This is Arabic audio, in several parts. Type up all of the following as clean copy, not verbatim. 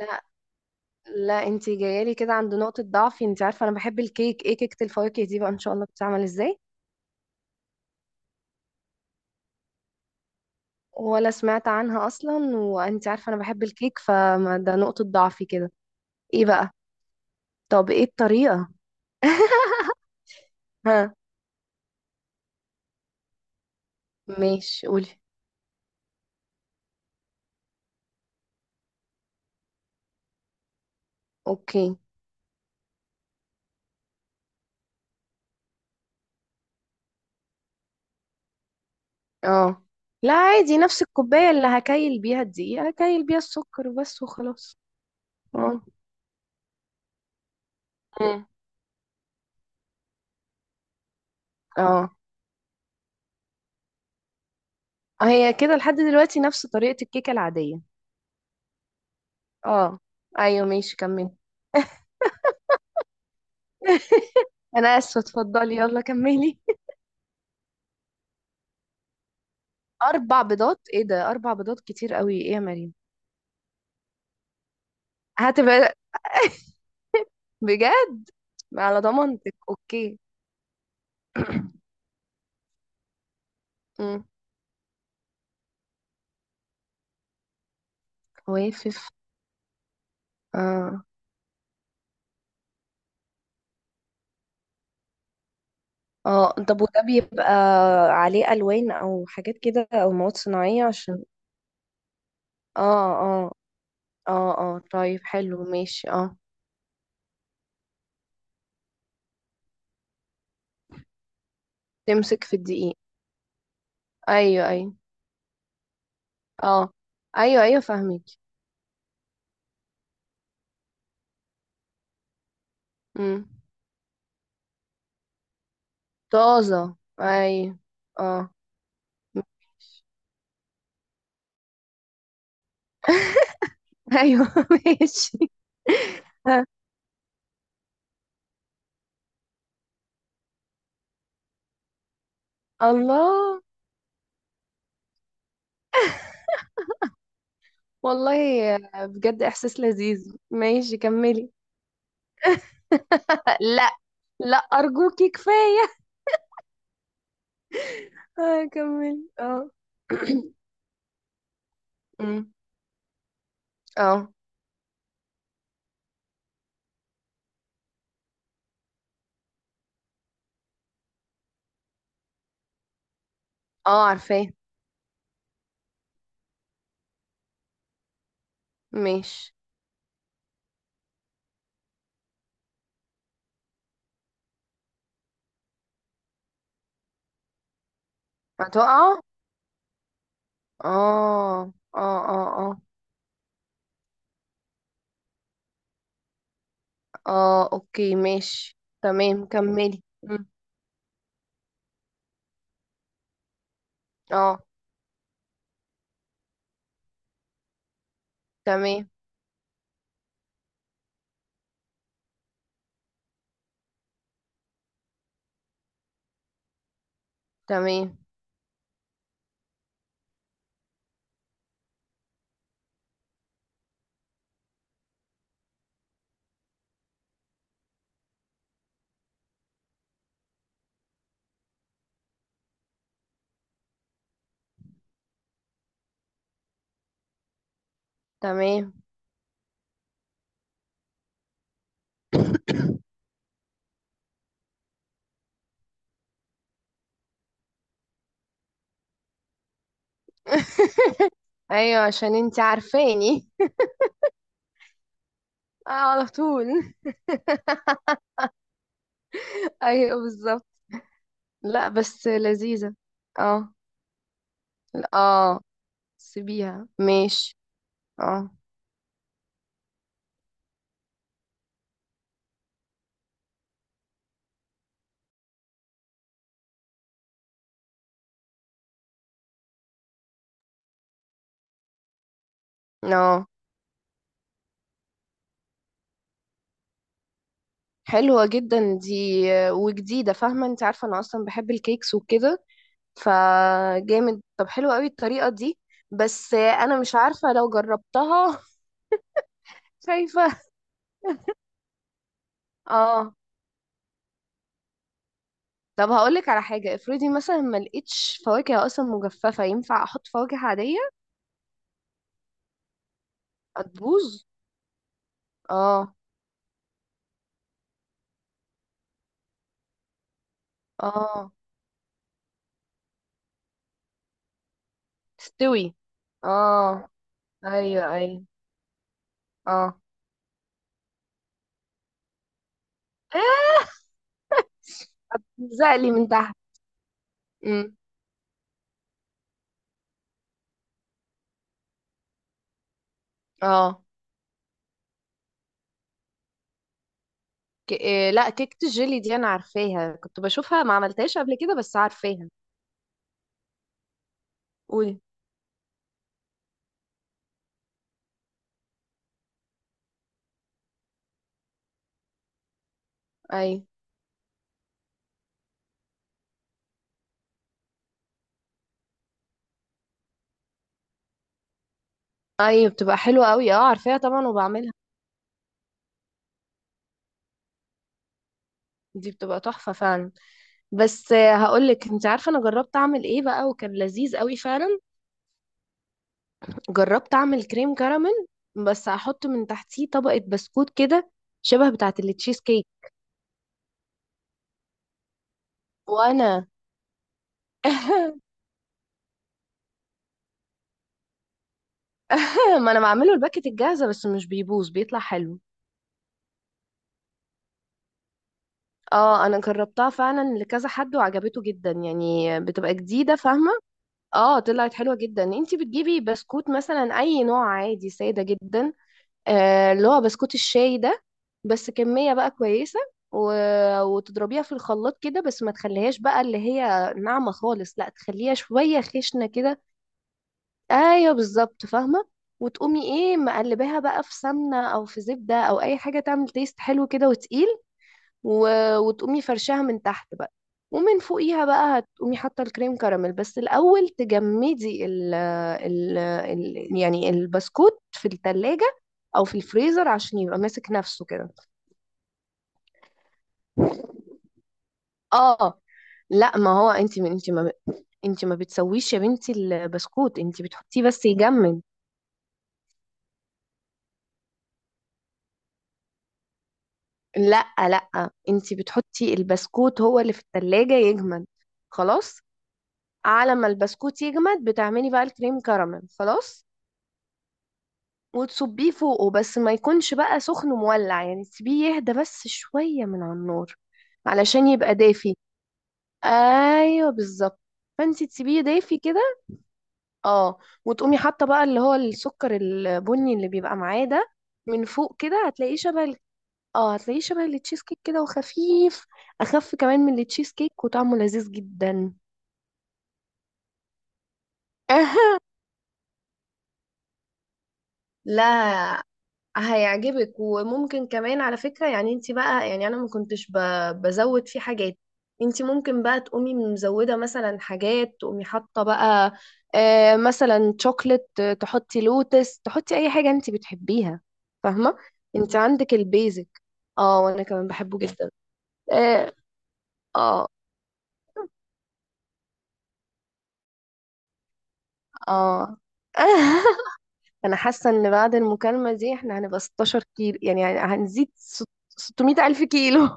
لا، لا، انت جايالي كده عند نقطة ضعفي، انت عارفة انا بحب الكيك، ايه كيكة الفواكه دي بقى؟ ان شاء الله بتتعمل ازاي؟ ولا سمعت عنها اصلا، وانت عارفة انا بحب الكيك، فده نقطة ضعفي كده. ايه بقى؟ طب ايه الطريقة؟ ها. ماشي، قولي. اوكي. اه. لا، عادي، نفس الكوباية اللي هكايل بيها الدقيق هكايل بيها السكر وبس وخلاص. اه. مم. اه. هي كده لحد دلوقتي نفس طريقة الكيكة العادية. اه. ايوه، ماشي، كمل. انا اسفه، اتفضلي، يلا كملي. اربع بيضات؟ ايه ده، اربع بيضات كتير قوي، ايه يا مريم؟ هتبقى. بجد. على ضمانتك، اوكي. مم. وافف. اه. اه طب وده بيبقى عليه الوان او حاجات كده او مواد صناعيه، عشان. اه اه اه، اه، طيب، حلو، ماشي، اه. تمسك في الدقيق. ايوه، ايوه. اه. ايوه، ايوه، فاهمك. امم. طازه، ايوه. اه. ايوه، ماشي. الله. والله بجد احساس لذيذ، ماشي كملي. لا، لا، ارجوكي، كفايه. آه، كملي، اه. أمم. اه. اه، عارفاه. ماشي. هتقع، اه. اه، اه، اه، اه، اوكي، ماشي. تمام، كملي. أمم. اه. تمام، تمام، تمام. ايوه، عشان انتي عارفاني. آه، على طول. ايوه، بالظبط. لا، بس لذيذة. اه. اه. سيبيها، ماشي. اه. اه. حلوة جدا دي، وجديدة، فاهمة، انت عارفة انا اصلا بحب الكيكس وكده. فجامد، طب حلوة قوي الطريقة دي. بس انا مش عارفة لو جربتها. خايفة. اه، طب هقولك على حاجة، افرضي مثلا ما لقيتش فواكه اصلا مجففة، ينفع احط فواكه عادية؟ هتبوظ؟ اه، اه، تستوي. اه، ايوه، ايوه. اه. زقلي من تحت. امم. اه. إيه، لا، كيكة الجيلي دي انا عارفاها، كنت بشوفها، ما عملتهاش قبل كده، بس عارفاها. قولي. اي. اي، بتبقى حلوة قوي، اه، عارفاها طبعا، وبعملها. دي بتبقى تحفة فعلا. بس هقولك، انت عارفة انا جربت اعمل ايه بقى، وكان لذيذ قوي فعلا. جربت اعمل كريم كراميل، بس احط من تحتيه طبقة بسكوت كده، شبه بتاعة التشيز كيك. وانا. ما انا بعمله الباكت الجاهزة، بس مش بيبوظ، بيطلع حلو. اه، انا جربتها فعلا لكذا حد وعجبته جدا، يعني بتبقى جديده، فاهمه؟ اه، طلعت حلوه جدا. انتي بتجيبي بسكوت مثلا اي نوع عادي، ساده جدا. آه، اللي هو بسكوت الشاي ده. بس كميه بقى كويسه. و... وتضربيها في الخلاط كده، بس ما تخليهاش بقى اللي هي ناعمه خالص، لا، تخليها شويه خشنه كده. ايوه، بالظبط، فاهمه. وتقومي ايه، مقلباها بقى في سمنه او في زبده او اي حاجه تعمل تيست حلو كده وتقيل. و... وتقومي فرشاها من تحت بقى. ومن فوقيها بقى هتقومي حاطه الكريم كراميل، بس الاول تجمدي يعني البسكوت في التلاجة، او في الفريزر عشان يبقى ماسك نفسه كده. اه. لا، ما هو انت ما بتسويش يا بنتي، البسكوت انت بتحطيه بس يجمد. لا، لا، انت بتحطي البسكوت، هو اللي في التلاجة يجمد. خلاص. على ما البسكوت يجمد بتعملي بقى الكريم كراميل، خلاص. وتصبيه فوقه، بس ما يكونش بقى سخن مولع، يعني تسيبيه يهدى بس شوية من على النار. علشان يبقى دافي. ايوه، بالظبط. فانتي تسيبيه دافي كده. اه. وتقومي حاطه بقى اللي هو السكر البني اللي بيبقى معاه ده، من فوق كده هتلاقيه شبه اه، هتلاقيه شبه التشيز كيك كده وخفيف. اخف كمان من التشيز كيك وطعمه لذيذ جدا. لا. هيعجبك، وممكن كمان على فكرة، يعني انت بقى، يعني انا ما كنتش بزود فيه حاجات. انت ممكن بقى تقومي مزودة مثلا حاجات، تقومي حاطة بقى، مثلا شوكلت، تحطي لوتس، تحطي اي حاجة انت بتحبيها. فاهمة؟ انت عندك البيزك. اه، وانا كمان بحبه جدا. اه. اه. آه. انا حاسة ان بعد المكالمة دي احنا هنبقى 16 كيلو، يعني هنزيد 600 الف كيلو.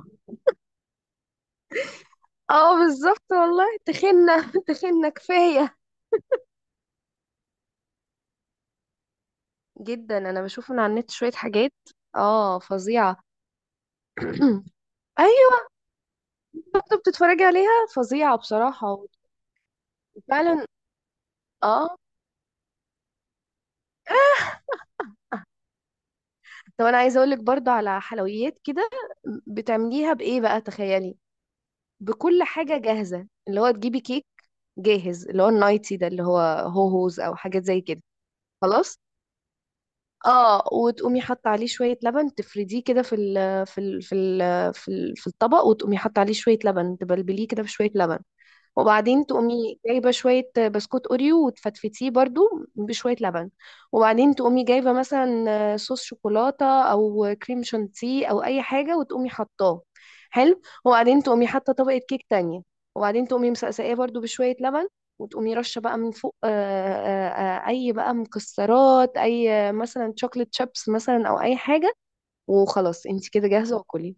اه، بالظبط والله، تخنة. تخنة كفاية. جدا، انا بشوف من على النت شوية حاجات. اه، فظيعة. ايوه. كنت بتتفرجي عليها؟ فظيعة بصراحة. وفعلا. اه، طب انا عايزة اقولك برضو على حلويات كده. بتعمليها بايه بقى؟ تخيلي. بكل حاجة جاهزة، اللي هو تجيبي كيك جاهز، اللي هو النايتي ده، اللي هو هوهوز او حاجات زي كده. خلاص. اه، وتقومي حاطه عليه شويه لبن، تفرديه كده في الطبق، وتقومي حاطه عليه شويه لبن، تبلبليه كده بشويه لبن. وبعدين تقومي جايبة شوية بسكوت أوريو وتفتفتيه برضو بشوية لبن. وبعدين تقومي جايبة مثلا صوص شوكولاتة أو كريم شانتيه أو أي حاجة وتقومي حطاه. حلو. وبعدين تقومي حاطة طبقة كيك تانية. وبعدين تقومي مسقساه برضو بشوية لبن. وتقومي رشة بقى من فوق، أي بقى مكسرات، أي مثلا شوكليت شيبس مثلا أو أي حاجة. وخلاص، انت كده جاهزة وكلي.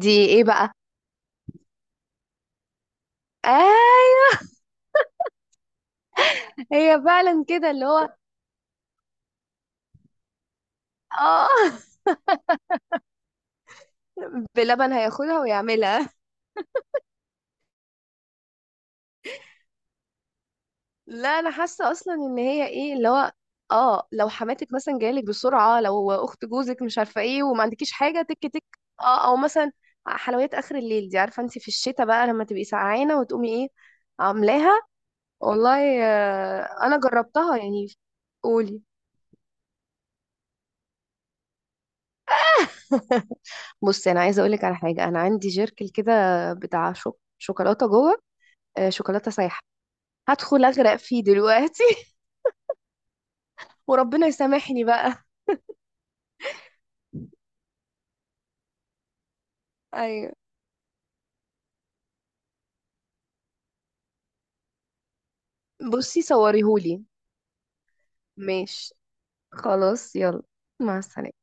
دي ايه بقى؟ آه. هي فعلا كده، اللي هو. اه. بلبن هياخدها ويعملها. لا، انا حاسه اصلا ان هي ايه، اللي هو. اه، لو حماتك مثلا جايلك بسرعه، لو اخت جوزك مش عارفه ايه، وما عندكيش حاجه، تك تك. اه، او مثلا، حلويات اخر الليل دي، عارفه انت في الشتاء بقى لما تبقي سقعانه وتقومي ايه، عاملاها. والله. آه، انا جربتها يعني. قولي. بصي، انا عايزه اقولك على حاجه، انا عندي جيركل كده بتاع شوكولاته جوه. شوكولاته سايحه. هدخل اغرق فيه دلوقتي. وربنا يسامحني بقى. ايوه، بصي صوريهولي. ماشي. خلاص، يلا. مع السلامة.